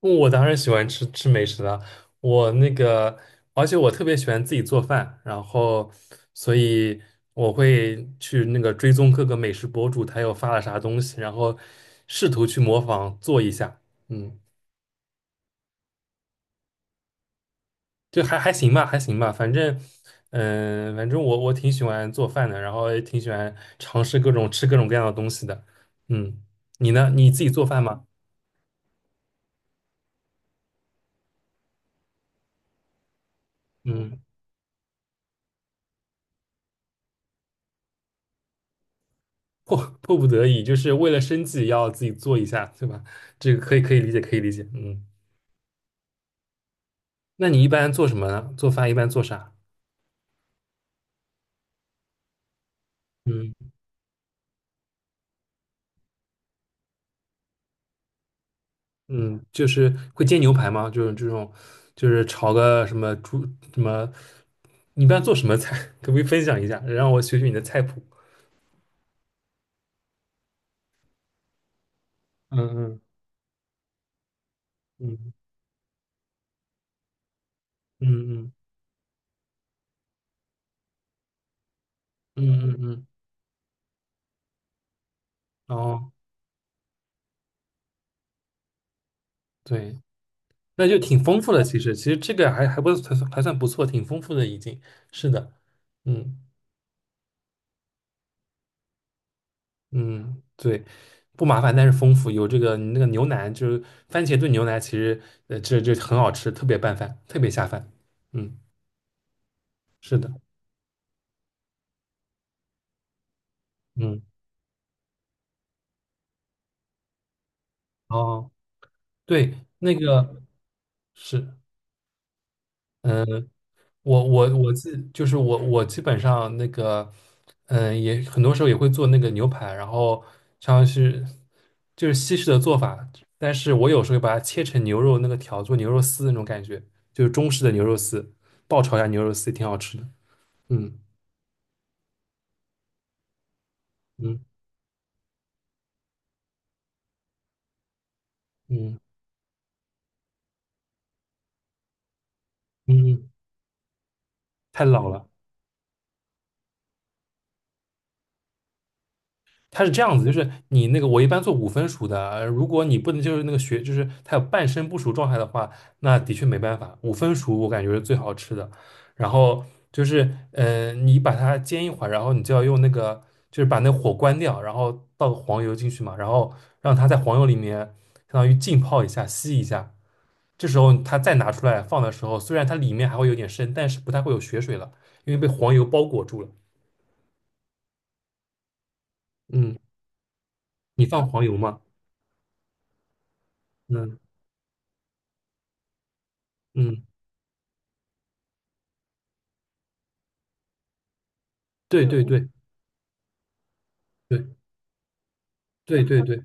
我当然喜欢吃美食了，我那个，而且我特别喜欢自己做饭，然后，所以我会去那个追踪各个美食博主，他又发了啥东西，然后试图去模仿做一下，嗯，就还行吧，反正，反正我挺喜欢做饭的，然后也挺喜欢尝试各种吃各种各样的东西的，嗯，你呢？你自己做饭吗？嗯。迫迫不得已，就是为了生计要自己做一下，对吧？这个可以理解，可以理解。嗯，那你一般做什么呢？做饭一般做啥？嗯嗯，就是会煎牛排吗？就是这种，就是炒个什么猪什么，你一般做什么菜？可不可以分享一下，让我学学你的菜谱？嗯嗯嗯嗯嗯嗯嗯嗯，哦，对，那就挺丰富的。其实这个还算不错，挺丰富的已经。是的，嗯。嗯，对，不麻烦，但是丰富。有这个你那个牛腩，就是番茄炖牛腩，其实这这很好吃，特别拌饭，特别下饭。嗯，是的，嗯，哦，对，那个是，嗯，我我我自就是我基本上那个，嗯，也很多时候也会做那个牛排，然后像是就是西式的做法，但是我有时候会把它切成牛肉那个条，做牛肉丝那种感觉，就是中式的牛肉丝，爆炒一下牛肉丝也挺好吃的。嗯嗯嗯嗯，嗯，太老了。它是这样子，就是你那个我一般做五分熟的，如果你不能就是那个血，就是它有半生不熟状态的话，那的确没办法。五分熟我感觉是最好吃的。然后就是，你把它煎一会儿，然后你就要用那个，就是把那火关掉，然后倒个黄油进去嘛，然后让它在黄油里面相当于浸泡一下、吸一下。这时候它再拿出来放的时候，虽然它里面还会有点生，但是不太会有血水了，因为被黄油包裹住了。嗯，你放黄油吗？嗯嗯，对对，对对，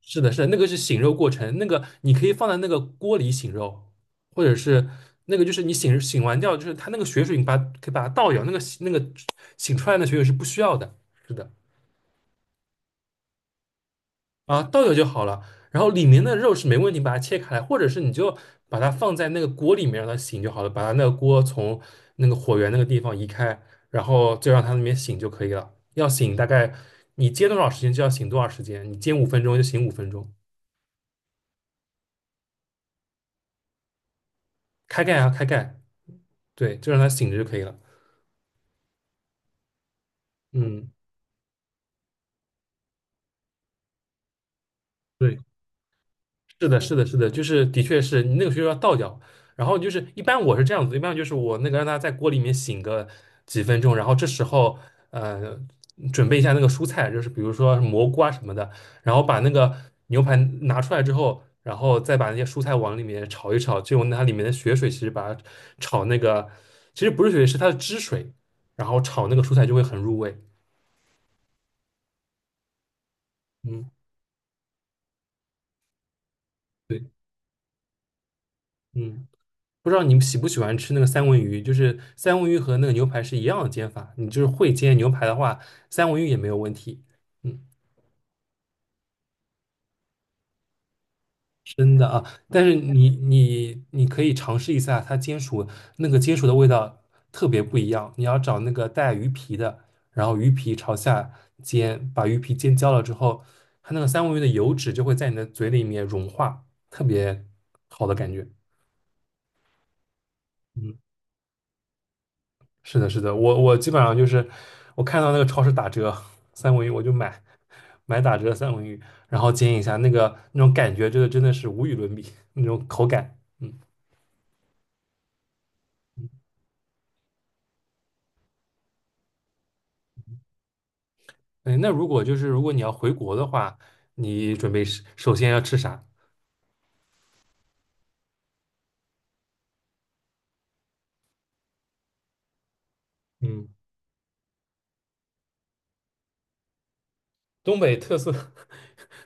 是的，是的，那个是醒肉过程，那个你可以放在那个锅里醒肉，或者是那个就是你醒完掉，就是它那个血水，你把可以把它倒掉，那个醒出来的血水是不需要的，是的。啊，倒掉就好了。然后里面的肉是没问题，把它切开来，或者是你就把它放在那个锅里面让它醒就好了，把它那个锅从那个火源那个地方移开，然后就让它那边醒就可以了。要醒大概你煎多少时间就要醒多少时间，你煎五分钟就醒五分钟，开盖，对，就让它醒着就可以了。嗯，对。是的，就是的确是你那个学校要倒掉，然后就是一般我是这样子，一般就是我那个让它在锅里面醒个几分钟，然后这时候呃准备一下那个蔬菜，就是比如说蘑菇啊什么的，然后把那个牛排拿出来之后，然后再把那些蔬菜往里面炒一炒，就用它里面的血水，其实把它炒那个其实不是血水，是它的汁水，然后炒那个蔬菜就会很入味。嗯，对，嗯。不知道你们喜不喜欢吃那个三文鱼，就是三文鱼和那个牛排是一样的煎法，你就是会煎牛排的话，三文鱼也没有问题。嗯，那啊，但是你可以尝试一下它煎熟那个煎熟的味道特别不一样，你要找那个带鱼皮的，然后鱼皮朝下煎，把鱼皮煎焦了之后，它那个三文鱼的油脂就会在你的嘴里面融化，特别好的感觉。嗯。是的，我基本上就是我看到那个超市打折三文鱼，我就买打折的三文鱼，然后煎一下，那个那种感觉，真的是无与伦比，那种口感。嗯，哎，那如果就是如果你要回国的话，你准备是首先要吃啥？嗯，东北特色，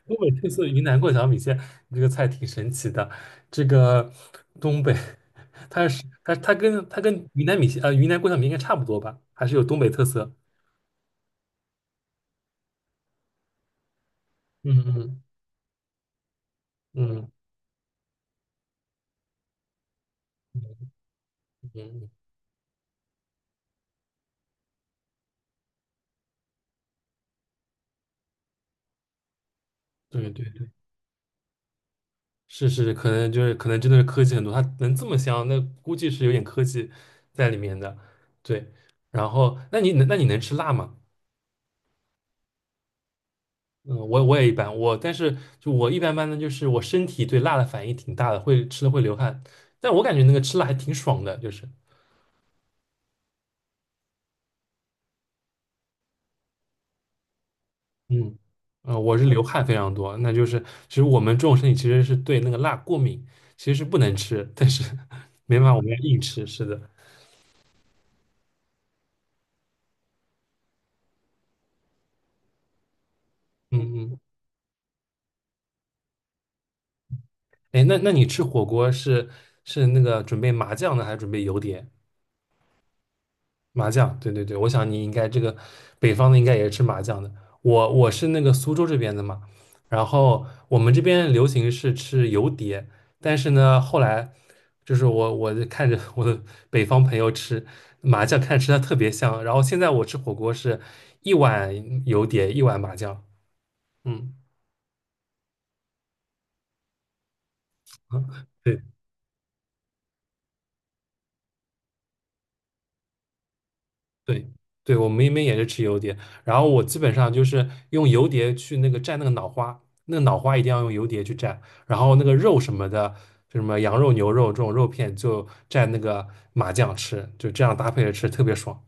东北特色云南过桥米线，这个菜挺神奇的。这个东北，它是它它跟它跟云南米线云南过桥米线应该差不多吧？还是有东北特色。嗯嗯嗯。嗯，对，是是，可能就是可能真的是科技很多，它能这么香，那估计是有点科技在里面的。对，然后那你能吃辣吗？嗯，我也一般，我但是就我一般般的，就是我身体对辣的反应挺大的，会吃的会流汗，但我感觉那个吃辣还挺爽的，就是嗯我是流汗非常多，那就是其实我们这种身体其实是对那个辣过敏，其实是不能吃，但是 没办法，我们要硬吃，是的，嗯嗯。哎，那你吃火锅是是那个准备麻酱的，还是准备油碟？麻酱，对，我想你应该这个北方的应该也是吃麻酱的。我是那个苏州这边的嘛，然后我们这边流行是吃油碟，但是呢，后来就是我就看着我的北方朋友吃麻酱，看着吃的特别香，然后现在我吃火锅是一碗油碟，一碗麻酱，嗯，对对，对，我们那边也是吃油碟，然后我基本上就是用油碟去那个蘸那个脑花，那个脑花一定要用油碟去蘸，然后那个肉什么的，就什么羊肉、牛肉这种肉片就蘸那个麻酱吃，就这样搭配着吃特别爽。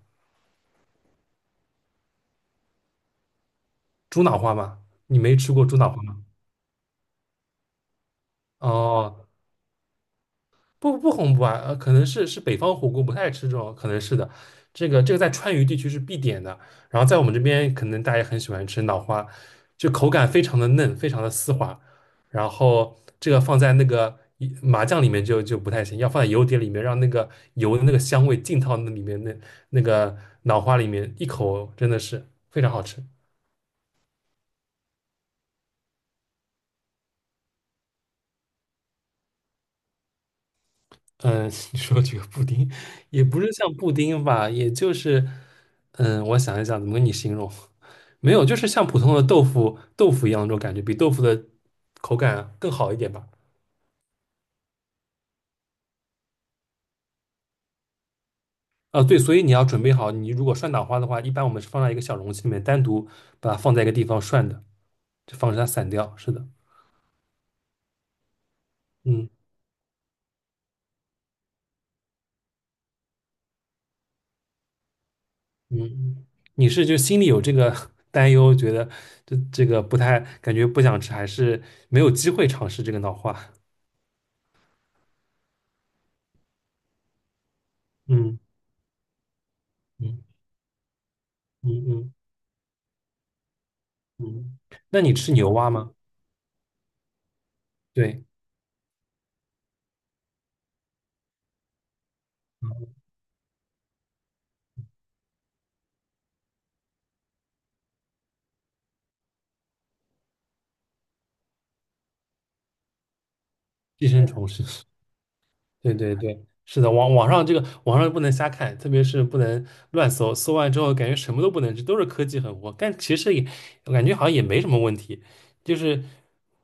猪脑花吗？你没吃过猪脑花吗？哦，不啊，可能是是北方火锅不太吃这种，可能是的。这个在川渝地区是必点的，然后在我们这边可能大家也很喜欢吃脑花，就口感非常的嫩，非常的丝滑。然后这个放在那个一麻酱里面就不太行，要放在油碟里面，让那个油的那个香味浸到那里面那个脑花里面，一口真的是非常好吃。嗯，你说这个布丁，也不是像布丁吧，也就是，嗯，我想一想怎么跟你形容，没有，就是像普通的豆腐一样那种感觉，比豆腐的口感更好一点吧。啊，对，所以你要准备好，你如果涮脑花的话，一般我们是放在一个小容器里面，单独把它放在一个地方涮的，就防止它散掉。是的，嗯嗯，嗯，你是就心里有这个 担忧，觉得这个不太感觉不想吃，还是没有机会尝试这个脑花？嗯嗯。嗯嗯嗯，那你吃牛蛙吗？对，寄生虫是，对，是的，网上这个网上不能瞎看，特别是不能乱搜，搜完之后感觉什么都不能吃，都是科技狠活，但其实也我感觉好像也没什么问题，就是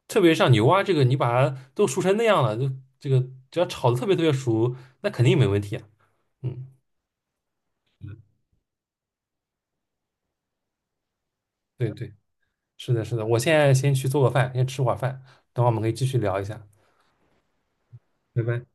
特别像牛蛙这个，你把它都熟成那样了，就这个只要炒的特别熟，那肯定没问题啊。嗯，对对，是的，是的，我现在先去做个饭，先吃会儿饭，等会儿我们可以继续聊一下。拜拜。